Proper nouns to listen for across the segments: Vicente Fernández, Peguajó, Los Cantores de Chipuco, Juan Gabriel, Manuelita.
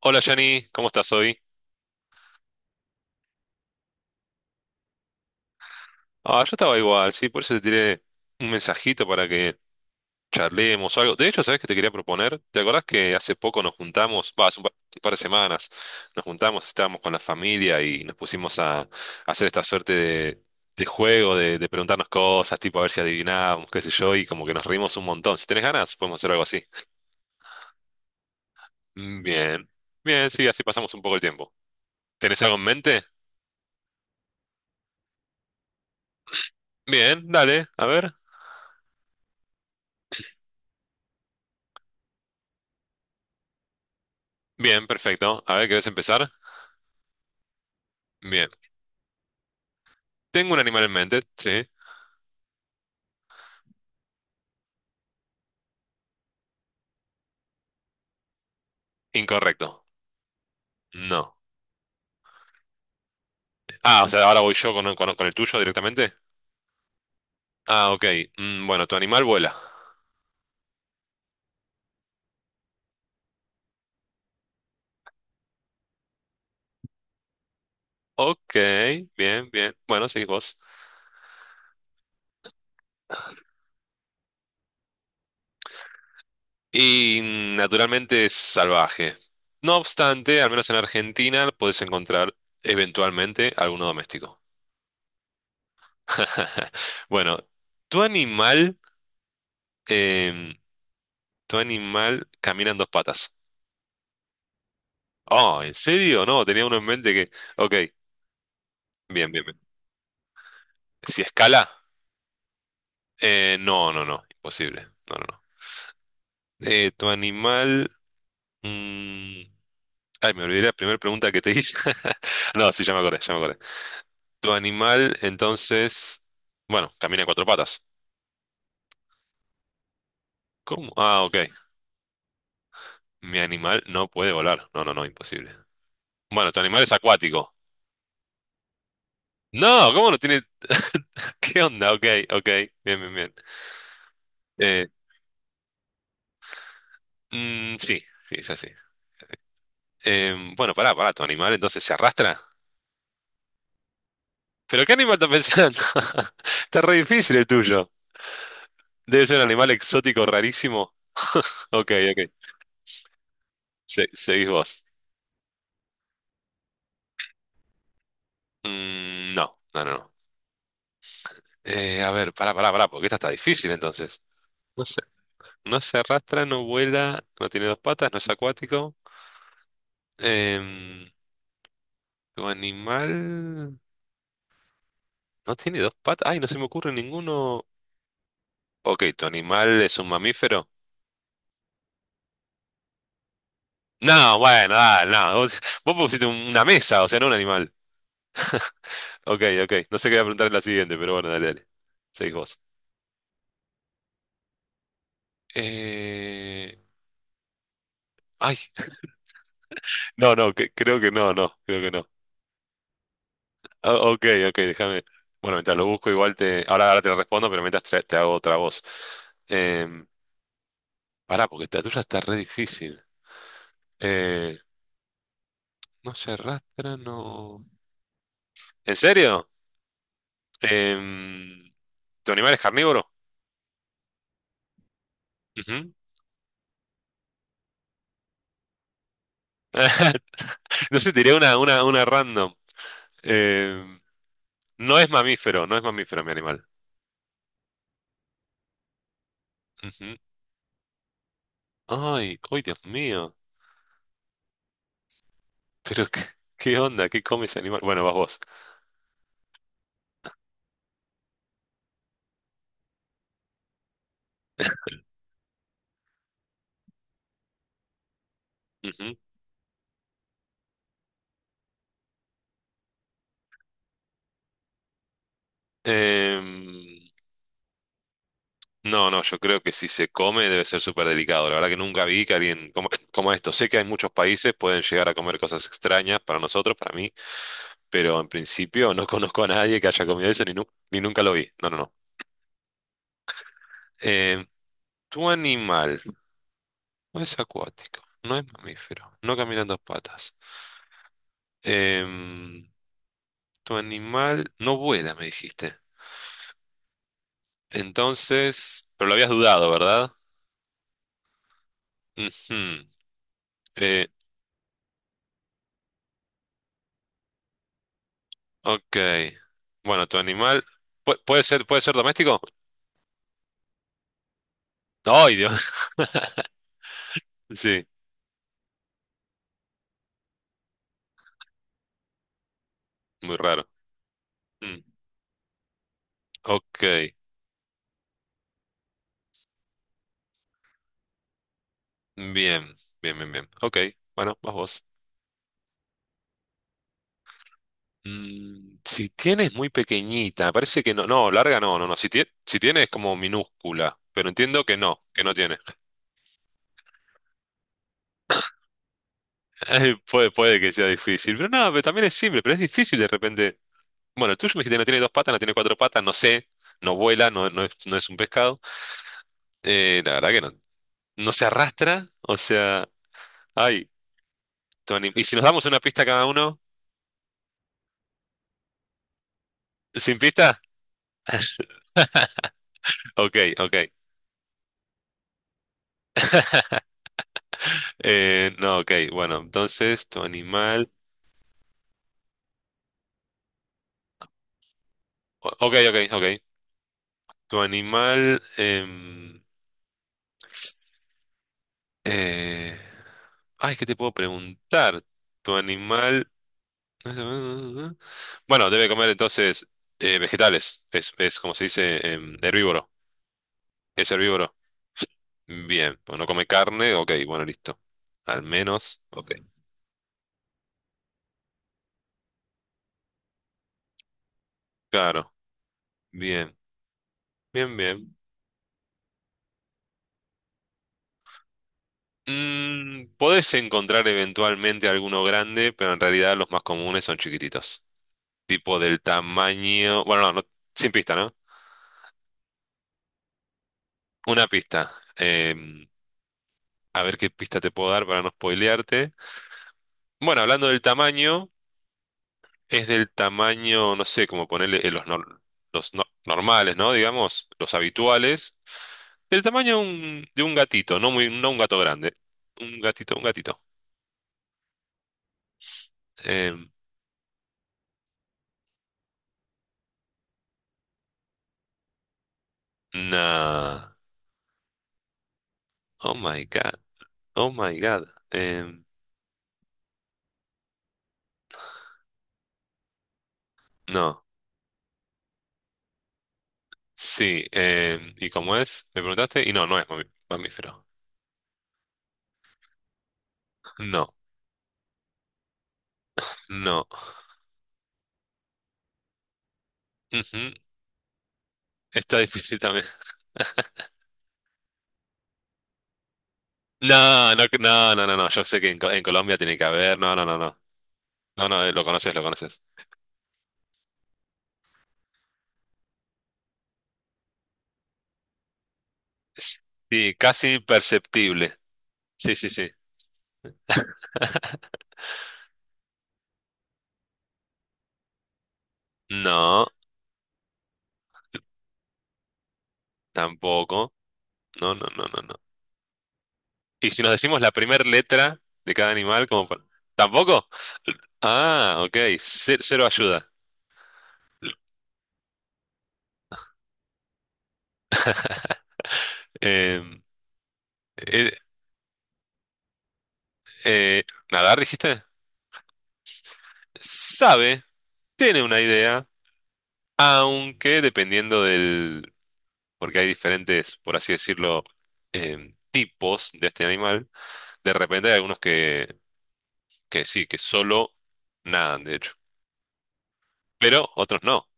Hola Yanni, ¿cómo estás hoy? Ah, yo estaba igual, sí, por eso te tiré un mensajito para que charlemos o algo. De hecho, ¿sabes qué te quería proponer? ¿Te acordás que hace poco nos juntamos, va, hace un par de semanas, nos juntamos, estábamos con la familia y nos pusimos a hacer esta suerte de juego, de preguntarnos cosas, tipo a ver si adivinábamos, qué sé yo, y como que nos reímos un montón. Si tenés ganas, podemos hacer algo así. Mm, bien, bien, sí, así pasamos un poco el tiempo. ¿Tenés algo en mente? Bien, dale, a ver. Bien, perfecto. A ver, ¿querés empezar? Bien. Tengo un animal en mente, sí. Incorrecto. No. Ah, o sea, ahora voy yo con, con el tuyo directamente. Ah, ok. Mm, bueno, tu animal vuela. Ok, bien, bien. Bueno, seguís vos. Y naturalmente es salvaje. No obstante, al menos en Argentina podés encontrar eventualmente alguno doméstico. Bueno, tu animal, em, tu animal camina en dos patas. Oh, ¿en serio? No, tenía uno en mente que... Ok, bien, bien, bien. Si escala. No, no, no, imposible. No, no, no. Tu animal. mm, Ay, me olvidé la primera pregunta que te hice. No, sí, ya me acordé, ya me acordé. Tu animal, entonces. Bueno, camina en cuatro patas. ¿Cómo? Ah, ok. Mi animal no puede volar. No, no, no, imposible. Bueno, tu animal es acuático. No, ¿cómo no tiene? ¿Qué onda? Ok, ok. Bien, bien, bien. Eh, mm, sí, sí, es así. Bueno, pará, pará, tu animal entonces se arrastra. ¿Pero qué animal estás pensando? Está re difícil el tuyo. Debe ser un animal exótico rarísimo. Ok, ok. Seguís vos. Mm, no, no, no, no. A ver, pará, pará, pará, porque esta está difícil entonces. No se, no se arrastra, no vuela, no tiene dos patas, no es acuático. Em, tu animal no tiene dos patas. Ay, no se me ocurre ninguno. Ok, ¿tu animal es un mamífero? No, bueno, ah, no. Vos, vos pusiste una mesa, o sea, no un animal. Ok, ok. No sé qué voy a preguntar en la siguiente, pero bueno, dale, dale. Seguís vos. Eh... Ay, no, no, creo que no, no, creo que no. Ah, ok, ok, déjame. Bueno, mientras lo busco, igual te. Ahora, ahora te lo respondo, pero mientras te hago otra voz. Em, pará, porque esta tuya está re difícil. Eh, no se arrastra, no. ¿En serio? Em, ¿Tu animal es carnívoro? Ujú. No sé, tiré una, una random. Em, no es mamífero, no es mamífero mi animal. Ujú. Ay, ay, Dios mío. Pero, ¿qué, qué onda? ¿Qué come ese animal? Bueno, vas vos. Ujú. Em, No, no, yo creo que si se come debe ser súper delicado. La verdad que nunca vi que alguien coma, coma esto. Sé que hay muchos países pueden llegar a comer cosas extrañas para nosotros, para mí, pero en principio no conozco a nadie que haya comido eso ni, ni nunca lo vi. No, no, no. Eh, tu animal no es acuático, no es mamífero, no camina en dos patas. Em, tu animal no vuela, me dijiste. Entonces, pero lo habías dudado, ¿verdad? Ujú. Eh, Ok. Bueno, tu animal puede ser doméstico. ¡Ay, Dios! Sí, muy raro. Mm, ok. Bien, bien, bien, bien. Ok. Bueno, vas vos. Mm, si tienes muy pequeñita, parece que no. No, larga no, no, no. Si tiene, si tiene es como minúscula, pero entiendo que no tiene. Puede, puede que sea difícil, pero no, pero también es simple, pero es difícil de repente. Bueno, el tuyo me dijiste no tiene dos patas, no tiene cuatro patas, no sé, no vuela, no, no es, no es un pescado. La verdad que no, no se arrastra, o sea, ay, Tony, ¿y si nos damos una pista cada uno? ¿Sin pista? Ok, ok. No, ok, bueno, entonces tu animal... Ok, ok, ok. Tu animal... eh, ay, ¿qué te puedo preguntar? Tu animal... Bueno, debe comer entonces vegetales, es como se dice, herbívoro, es herbívoro. Bien, pues no come carne, ok, bueno, listo. Al menos, ok. Claro, bien, bien, bien. Mm, podés encontrar eventualmente alguno grande, pero en realidad los más comunes son chiquititos. Tipo del tamaño. Bueno, no, no, sin pista, ¿no? Una pista. Em, a ver qué pista te puedo dar para no spoilearte. Bueno, hablando del tamaño, es del tamaño, no sé, como ponerle los, los normales, ¿no? Digamos, los habituales. Del tamaño de un gatito, no muy, no un gato grande. Un gatito, un gatito. Em, nah. Oh my God. Oh my God. Em, no. Sí. ¿Y cómo es? Me preguntaste. Y no, no es mamífero. No. No. Ujú, está difícil también. No, no, no, no, no, no. Yo sé que en, en Colombia tiene que haber. No, no, no, no. No, no, lo conoces, lo conoces. Sí, casi imperceptible. Sí, sí, sí. No, tampoco. No, no, no, no, no. Y si nos decimos la primera letra de cada animal, como para... ¿Tampoco? Ah, ok. Cero, ayuda. em, Eh, eh, ¿Nadar, dijiste? Sabe, tiene una idea, aunque dependiendo del... porque hay diferentes, por así decirlo, tipos de este animal, de repente hay algunos que sí, que solo nadan, de hecho, pero otros no,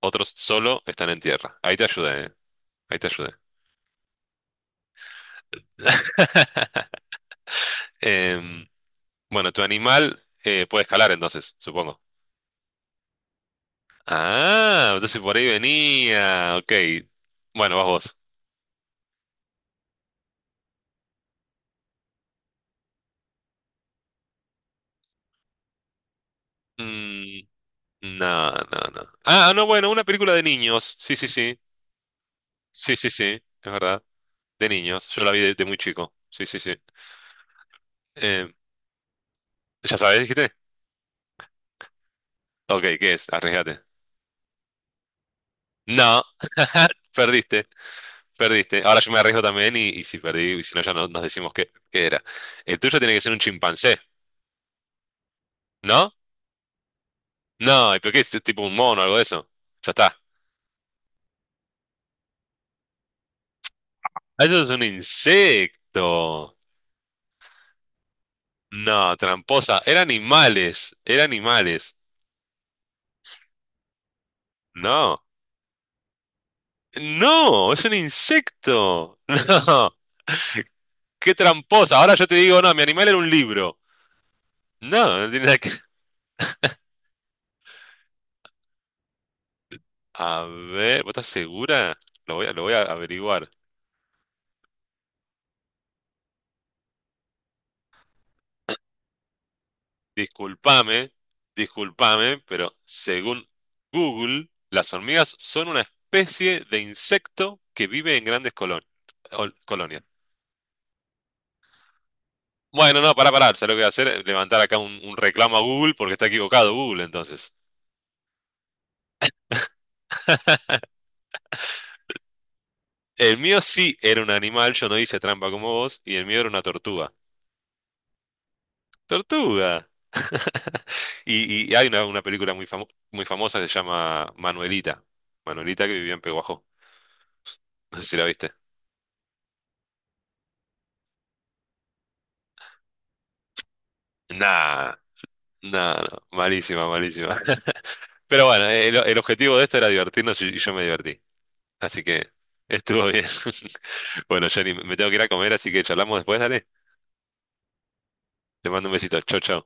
otros solo están en tierra. Ahí te ayudé, ahí te ayudé. Em, bueno, tu animal puede escalar entonces, supongo. Ah, entonces por ahí venía, ok. Bueno, vas vos. Mm, no, no, no. Ah, no, bueno, una película de niños. Sí, sí, sí. Sí, sí, sí. Es verdad. De niños. Yo la vi de muy chico. Sí, sí, sí. Eh, ¿Ya sabes, dijiste? Ok, ¿qué es? Arriesgate. No. Perdiste. Perdiste. Ahora yo me arriesgo también y si perdí, y si no, ya no, nos decimos qué, qué era. El tuyo tiene que ser un chimpancé, ¿no? No, ¿y por qué es tipo un mono o algo de eso? Ya está. Ah, eso es un insecto. No, tramposa. Eran animales. Eran animales. No. No, es un insecto. No, qué tramposa. Ahora yo te digo, no, mi animal era un libro. No, no tiene nada que... A ver, ¿vos estás segura? Lo voy a averiguar. Disculpame, disculpame, pero según Google, las hormigas son una especie de insecto que vive en grandes colonias. Bueno, no, para parar, ¿sabes lo que voy a hacer? Levantar acá un reclamo a Google porque está equivocado Google, entonces. El mío sí era un animal, yo no hice trampa como vos, y el mío era una tortuga. ¡Tortuga! Y, y hay una película muy, muy famosa que se llama Manuelita. Manuelita que vivía en Peguajó. No sé si la viste. Nah, nah, no. Malísima, malísima. Pero bueno, el objetivo de esto era divertirnos y yo me divertí. Así que estuvo bien. Bueno, Jenny, me tengo que ir a comer, así que charlamos después, dale. Te mando un besito. Chau, chau.